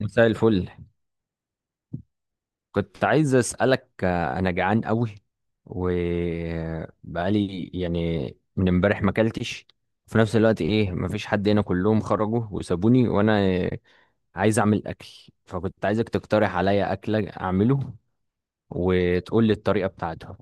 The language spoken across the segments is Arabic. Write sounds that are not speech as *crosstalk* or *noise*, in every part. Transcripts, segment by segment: مساء الفل. كنت عايز أسألك أنا جعان قوي وبقالي من امبارح ما اكلتش. في نفس الوقت إيه، مفيش حد هنا، كلهم خرجوا وسابوني وأنا عايز أعمل أكل، فكنت عايزك تقترح عليا أكلة أعمله وتقول لي الطريقة بتاعته.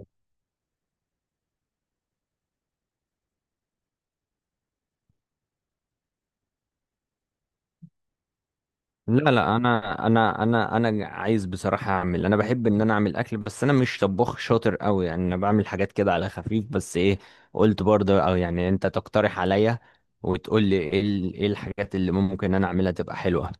لا، انا عايز بصراحه اعمل، انا بحب ان انا اعمل اكل، بس انا مش طباخ شاطر قوي، يعني انا بعمل حاجات كده على خفيف، بس ايه، قلت برضه او يعني انت تقترح عليا وتقول لي ايه ايه الحاجات اللي ممكن انا اعملها تبقى حلوه.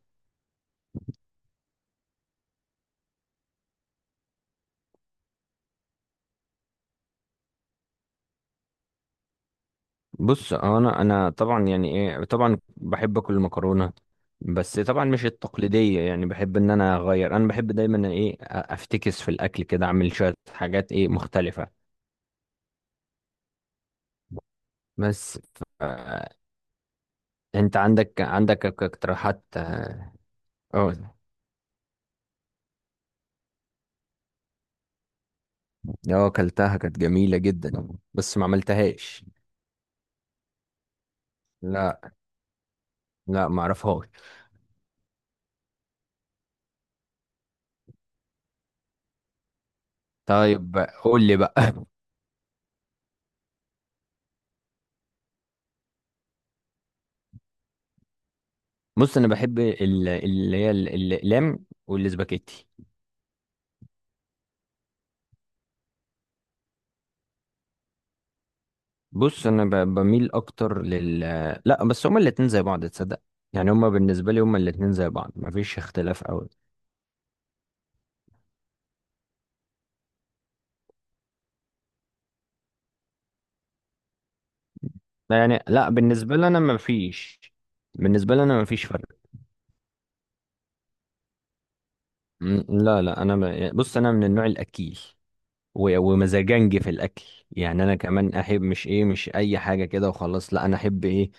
بص، انا طبعا يعني ايه، طبعا بحب اكل المكرونه، بس طبعا مش التقليديه، يعني بحب ان انا اغير، انا بحب دايما ايه، افتكس في الاكل كده، اعمل شويه حاجات ايه مختلفه. بس انت عندك اقتراحات؟ اه. اه. آه، اكلتها، كانت جميلة جدا بس ما عملتهاش. لا، لا ما اعرفهاش. طيب قول لي بقى. *laughs* بص، انا بحب الاقلام والسباكيتي. بص انا بميل اكتر لل، لا بس هما الاتنين زي بعض تصدق، يعني هما بالنسبة لي هما الاتنين زي بعض، ما فيش اختلاف قوي. لا يعني، لا بالنسبة لي انا ما فيش، بالنسبة لي انا ما فيش فرق. لا، انا ب... بص، انا من النوع الاكيل، ومزاجنج في الاكل، يعني انا كمان احب مش ايه، مش اي حاجه كده وخلاص، لا انا احب ايه،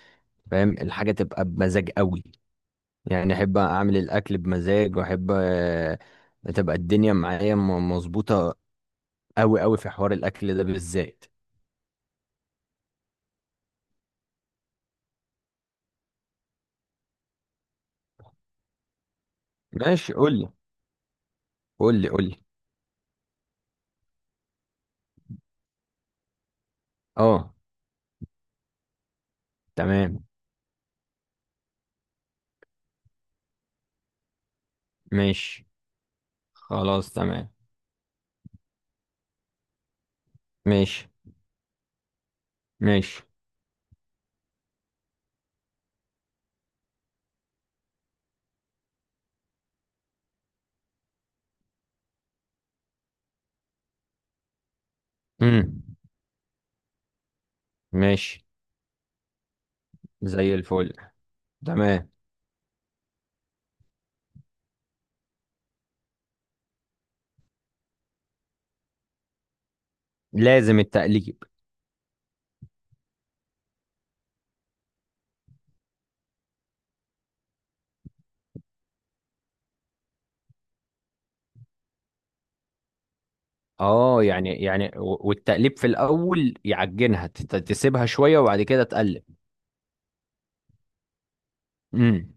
فاهم، الحاجه تبقى بمزاج قوي، يعني احب اعمل الاكل بمزاج، واحب تبقى الدنيا معايا مظبوطه قوي قوي في حوار الاكل ده بالذات. ماشي، قول لي قول لي. اه. تمام. ماشي. خلاص تمام. ماشي. ماشي. امم. ماشي. زي الفل. تمام. لازم التقليد. اه يعني يعني والتقليب في الاول يعجنها، تسيبها شويه وبعد كده تقلب. امم.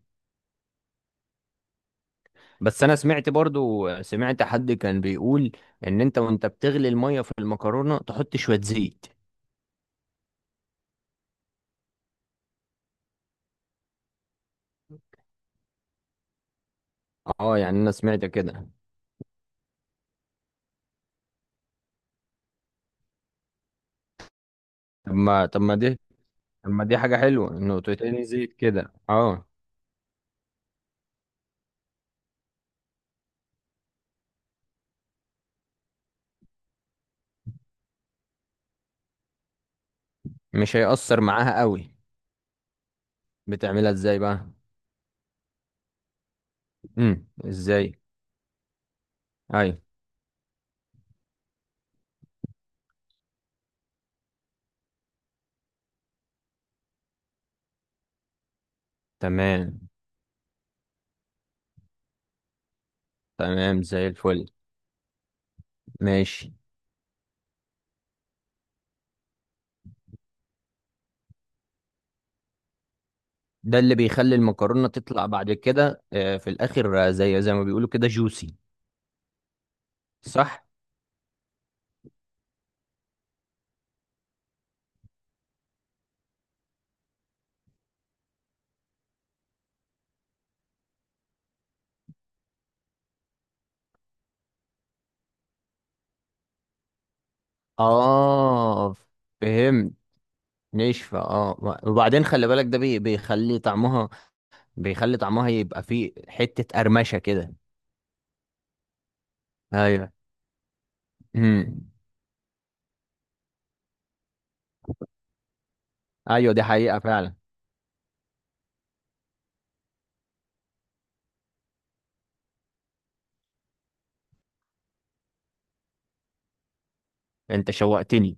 بس انا سمعت برضو، سمعت حد كان بيقول ان انت وانت بتغلي الميه في المكرونه تحط شويه زيت. اه يعني انا سمعت كده. طب ما دي، طب ما دي حاجه حلوه انه تتقلي زيت كده، اه. مش هيأثر معاها قوي. بتعملها ازاي بقى؟ امم، ازاي؟ ايوه. تمام. تمام زي الفل. ماشي. ده اللي بيخلي المكرونة تطلع بعد كده في الآخر، زي زي ما بيقولوا كده جوسي. صح؟ آه، فهمت. نشفة اه، وبعدين خلي بالك ده بيخلي طعمها، بيخلي طعمها يبقى فيه حتة قرمشة كده. ايوه. امم. ايوه دي حقيقة فعلا. انت شوقتني.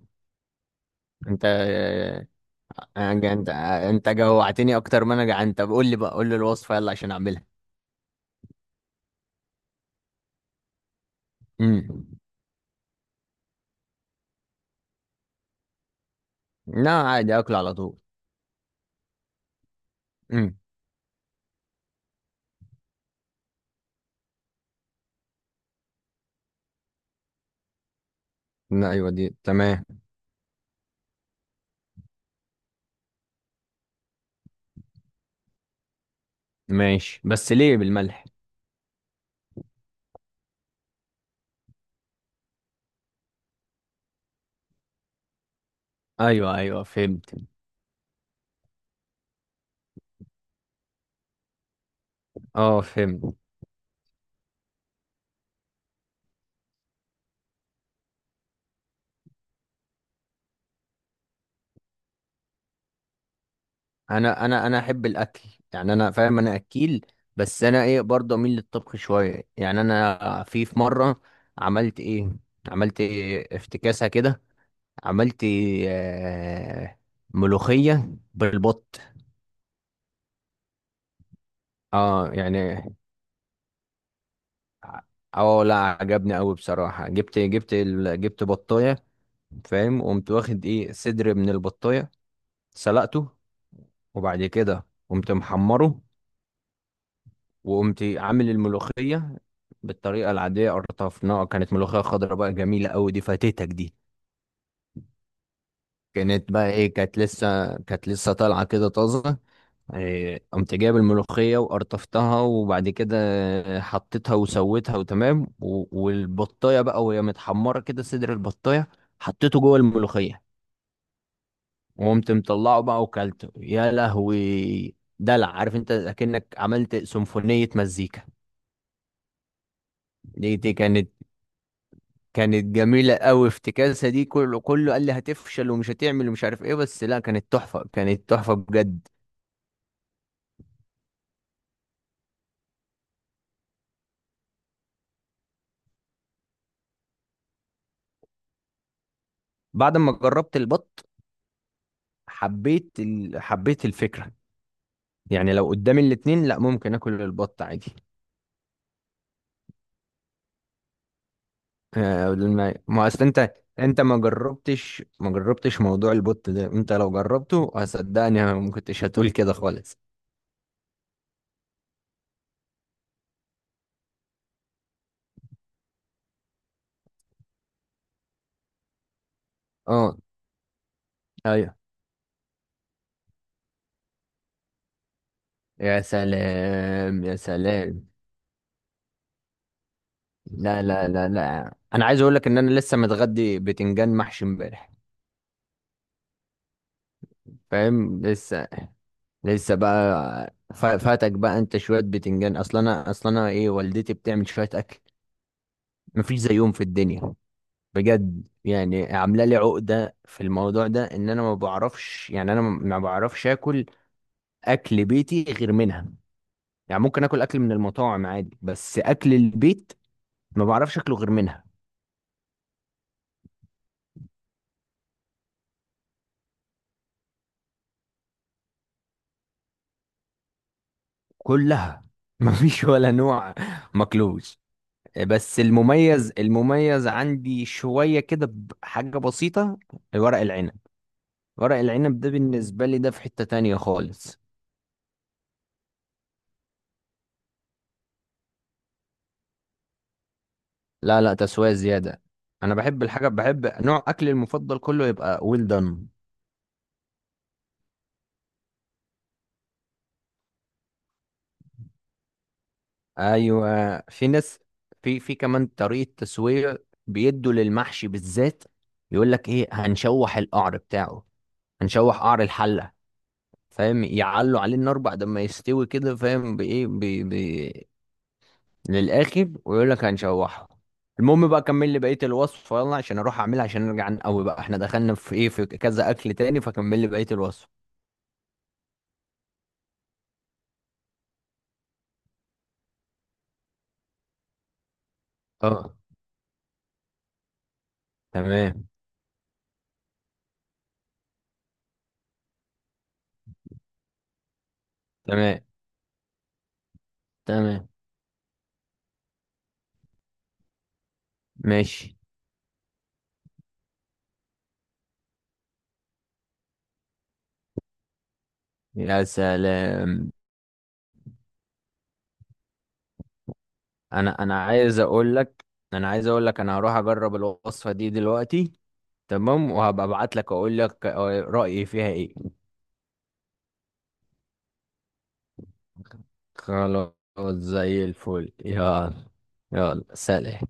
انت انت جوعتني اكتر ما انا جعان، طب قول لي بقى، قول لي الوصفة يلا عشان اعملها. امم. لا عادي، اكل على طول. امم. لا ايوه، دي تمام. ماشي، بس ليه بالملح؟ ايوه ايوه، فهمت. اه فهمت. انا احب الاكل، يعني انا فاهم، انا اكيل، بس انا ايه، برضه اميل للطبخ شويه، يعني انا في مره عملت ايه، عملت إيه افتكاسه كده، عملت آه، ملوخيه بالبط. اه يعني، ع-، اه لا عجبني قوي بصراحه، جبت جبت بطايه، فاهم، وقمت واخد ايه، صدر من البطايه، سلقته، وبعد كده قمت محمره، وقمت عامل الملوخية بالطريقة العادية، قرطفناها، كانت ملوخية خضراء بقى جميلة أوي، دي فاتتك دي. كانت بقى ايه، كانت لسه، كانت لسه طالعة كده طازة، إيه، قمت جايب الملوخية وقرطفتها، وبعد كده حطيتها وسويتها وتمام، والبطاية بقى وهي متحمرة كده، صدر البطاية حطيته جوه الملوخية، وقمت مطلعه بقى وكلته، يا لهوي دلع، عارف انت، اكنك عملت سيمفونية مزيكا. دي كانت، كانت جميلة قوي افتكاسة دي، كله كله قال لي هتفشل ومش هتعمل ومش عارف ايه، بس لا، كانت تحفة، كانت تحفة بجد. بعد ما جربت البط حبيت ال...، حبيت الفكرة، يعني لو قدامي الاتنين، لا ممكن اكل البط عادي. آه، ما اصل انت، انت ما جربتش، ما جربتش موضوع البط ده، انت لو جربته هصدقني ما كنتش هتقول كده خالص. اه. ايوه. يا سلام يا سلام. لا، انا عايز اقول لك ان انا لسه متغدي بتنجان محشي امبارح، فاهم، لسه، لسه بقى، فاتك بقى انت شويه، بتنجان، اصلا انا، اصلا انا ايه، والدتي بتعمل شويه اكل مفيش زيهم في الدنيا بجد، يعني عامله لي عقده في الموضوع ده ان انا ما بعرفش، يعني انا ما بعرفش اكل اكل بيتي غير منها، يعني ممكن اكل اكل من المطاعم عادي، بس اكل البيت ما بعرفش اكله غير منها. كلها *laughs* مفيش ولا نوع ماكلوش، بس المميز عندي شوية كده بحاجة بسيطة، ورق العنب. ورق العنب ده بالنسبة لي ده في حتة تانية خالص. لا لا، تسوية زيادة. أنا بحب الحاجة، بحب نوع أكلي المفضل كله يبقى ويل دان. أيوة، في ناس، في كمان طريقة تسوية بيدوا للمحشي بالذات، يقول لك إيه، هنشوح القعر بتاعه، هنشوح قعر الحلة، فاهم، يعلوا عليه النار بعد ما يستوي كده، فاهم بإيه، للاخر، ويقول لك هنشوحه. المهم بقى، كمل لي بقيه الوصفه يلا عشان اروح اعملها، عشان نرجع نقوي بقى، احنا دخلنا في ايه، في كذا اكل تاني، فكمل لي بقيه الوصفه. اه. تمام. تمام. تمام. ماشي. يا سلام. انا عايز اقول لك، انا عايز اقول لك انا هروح اجرب الوصفه دي دلوقتي، تمام، وهبقى ابعت لك اقول لك رايي فيها ايه. خلاص، زي الفل، يلا. يلا، سلام.